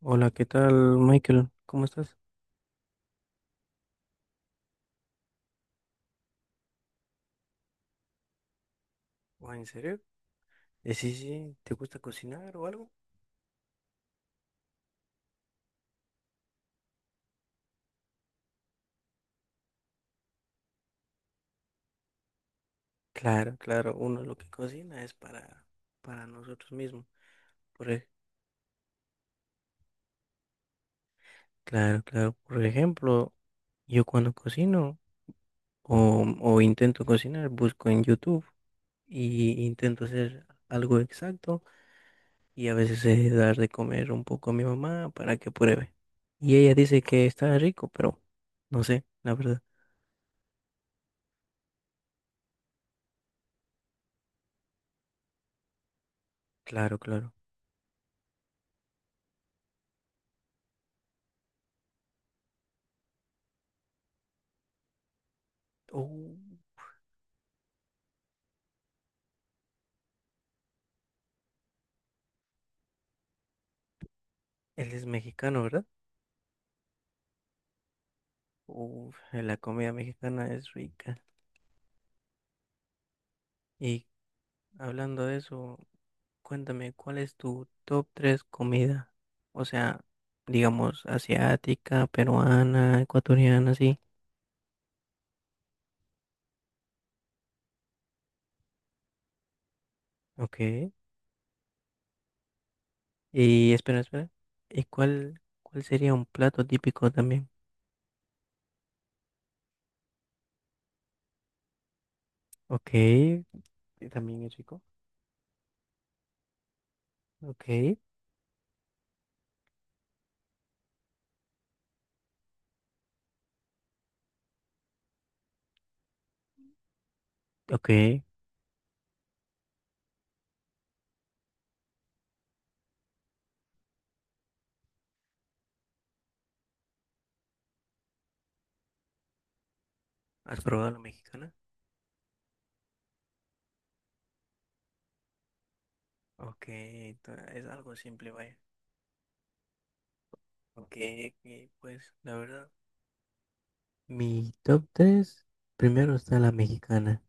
Hola, ¿qué tal, Michael? ¿Cómo estás? Ah, ¿en serio? Sí, sí, ¿te gusta cocinar o algo? Claro, claro, uno lo que cocina es para nosotros mismos. Por ej- claro, claro, por ejemplo, yo cuando cocino o, o intento cocinar, busco en YouTube y intento hacer algo exacto y a veces dar de comer un poco a mi mamá para que pruebe. Y ella dice que está rico, pero no sé, la verdad. Claro, claro. Oh, él es mexicano, ¿verdad? Uf, la comida mexicana es rica. Y hablando de eso, cuéntame, ¿cuál es tu top 3 comida? O sea, digamos, asiática, peruana, ecuatoriana, sí. Ok. Y espera, espera. ¿Y cuál sería un plato típico también? Ok. ¿Y también es rico? Ok. Ok. ¿Has probado la mexicana? Ok. Es algo simple, vaya. Ok, ok, pues la verdad. Mi top tres, primero está la mexicana,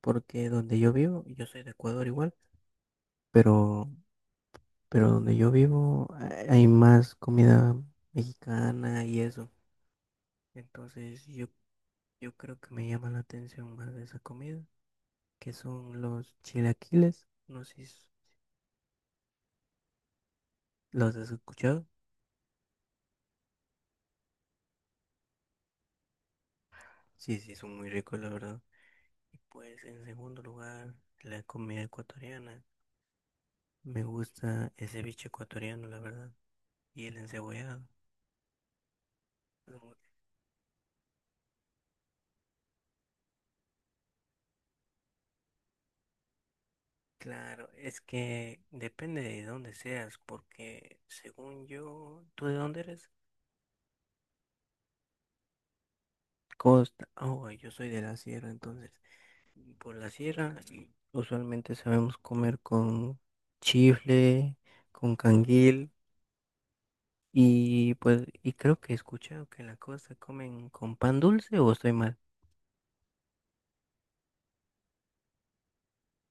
porque donde yo vivo, yo soy de Ecuador igual, pero, pero donde yo vivo hay más comida mexicana y eso. Entonces yo, yo creo que me llama la atención más de esa comida, que son los chilaquiles, no sé si los has escuchado. Sí, sí, son muy ricos, la verdad. Y pues en segundo lugar, la comida ecuatoriana. Me gusta ese bicho ecuatoriano, la verdad, y el encebollado. No, claro, es que depende de dónde seas, porque según yo, ¿tú de dónde eres? Costa. Oh, yo soy de la sierra, entonces. Por la sierra, usualmente sabemos comer con chifle, con canguil, y pues, y creo que he escuchado que en la costa comen con pan dulce, o estoy mal.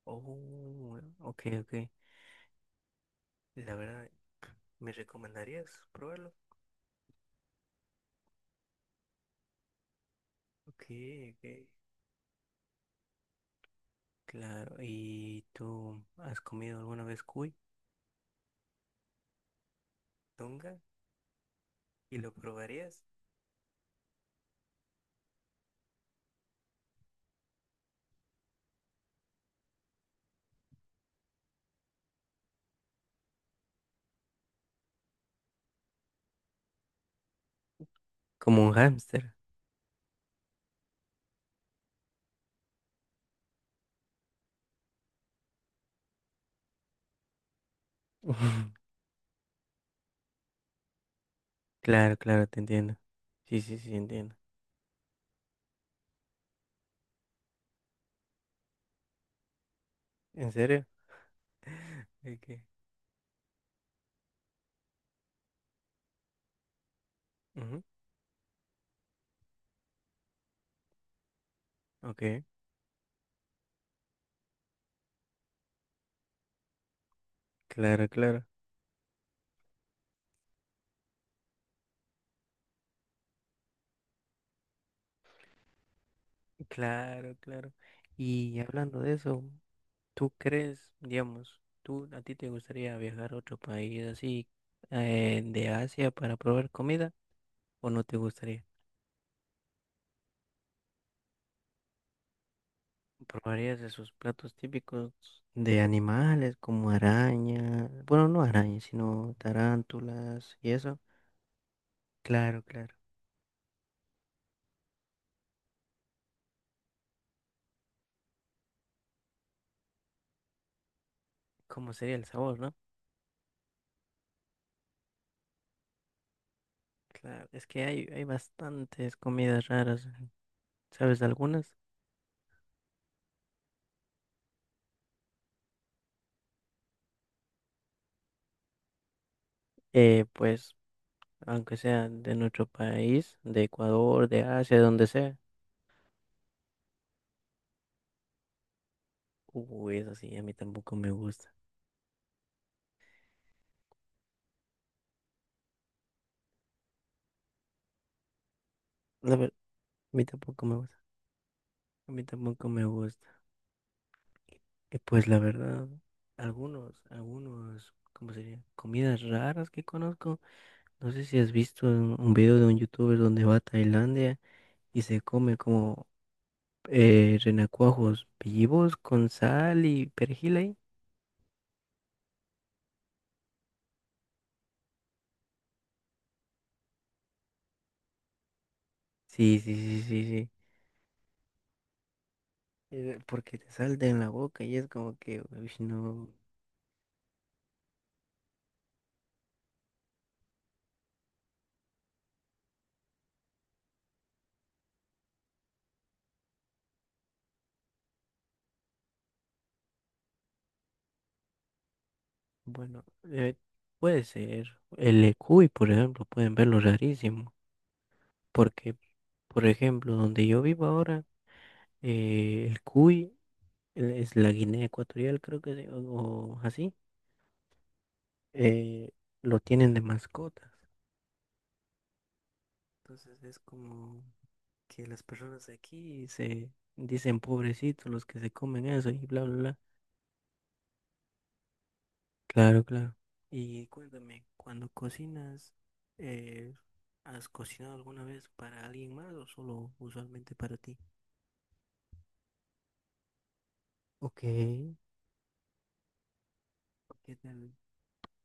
Oh, ok, ok. La verdad, ¿me recomendarías probarlo? Ok, ok. Claro, ¿y tú has comido alguna vez cuy, tunga? ¿Y lo probarías? Como un hámster. Claro, claro, te entiendo. Sí, sí, sí, entiendo. ¿En serio? Okay. Ujú, ok, claro, claro. Claro, claro. Y hablando de eso, ¿tú crees, digamos, tú a ti te gustaría viajar a otro país así de Asia para probar comida o no te gustaría? Probarías de sus platos típicos de animales como arañas, bueno, no arañas, sino tarántulas y eso. Claro, claro. ¿Cómo sería el sabor, no? Claro, es que hay bastantes comidas raras, ¿sabes? De algunas, pues, aunque sea de nuestro país, de Ecuador, de Asia, de donde sea. Uy, eso sí, a mí tampoco me gusta. La ver- a mí tampoco me gusta. A mí tampoco me gusta. Que pues la verdad, algunos, ¿cómo sería? Comidas raras que conozco. No sé si has visto un video de un youtuber donde va a Tailandia y se come como renacuajos vivos con sal y perejil ahí. Sí, sí, sí, sí, sí. Porque te salta en la boca y es como que, uy, no, bueno, eh, puede ser. El cuy, por ejemplo, pueden verlo rarísimo. Porque, por ejemplo, donde yo vivo ahora, el cuy, es la Guinea Ecuatorial, creo o así, eh, lo tienen de mascotas. Entonces es como que las personas de aquí se dicen pobrecitos los que se comen eso y bla, bla, bla. Claro, claro. Y cuéntame, cuando cocinas, eh, ¿has cocinado alguna vez para alguien más o solo usualmente para ti? Ok. ¿Qué tal?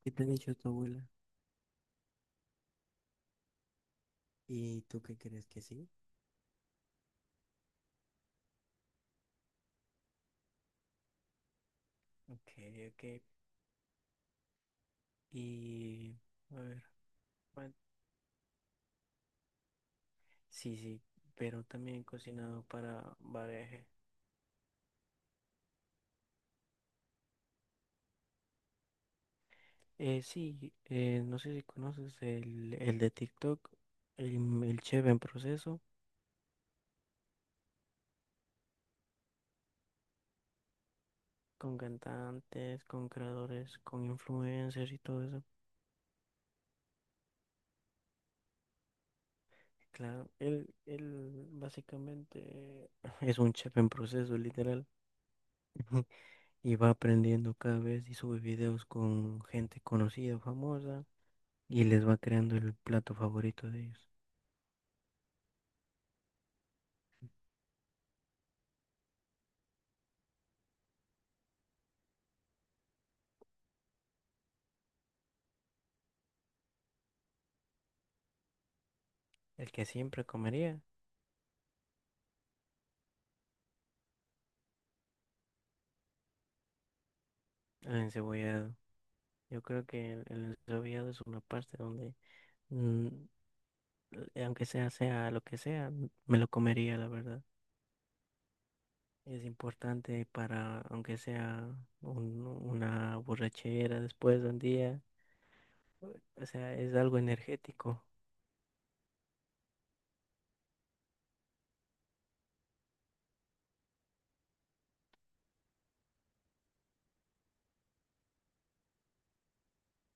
¿Qué te ha dicho tu abuela? ¿Y tú qué crees que sí? Ok, ok. Y, a ver, ¿cuál? Sí, sí, pero también he cocinado para bareje. Sí, no sé si conoces el de TikTok, el, el chef en proceso, con cantantes, con creadores, con influencers y todo eso. Claro, él básicamente es un chef en proceso, literal. Y va aprendiendo cada vez y sube videos con gente conocida, famosa, y les va creando el plato favorito de ellos. El que siempre comería, el encebollado. Yo creo que el encebollado es una parte donde, mm, aunque sea, sea lo que sea, me lo comería, la verdad. Es importante para, aunque sea una borrachera después de un día, o sea, es algo energético.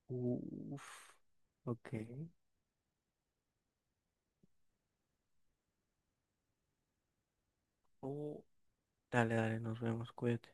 Uf, ok. Oh, dale, dale, nos vemos, cuídate.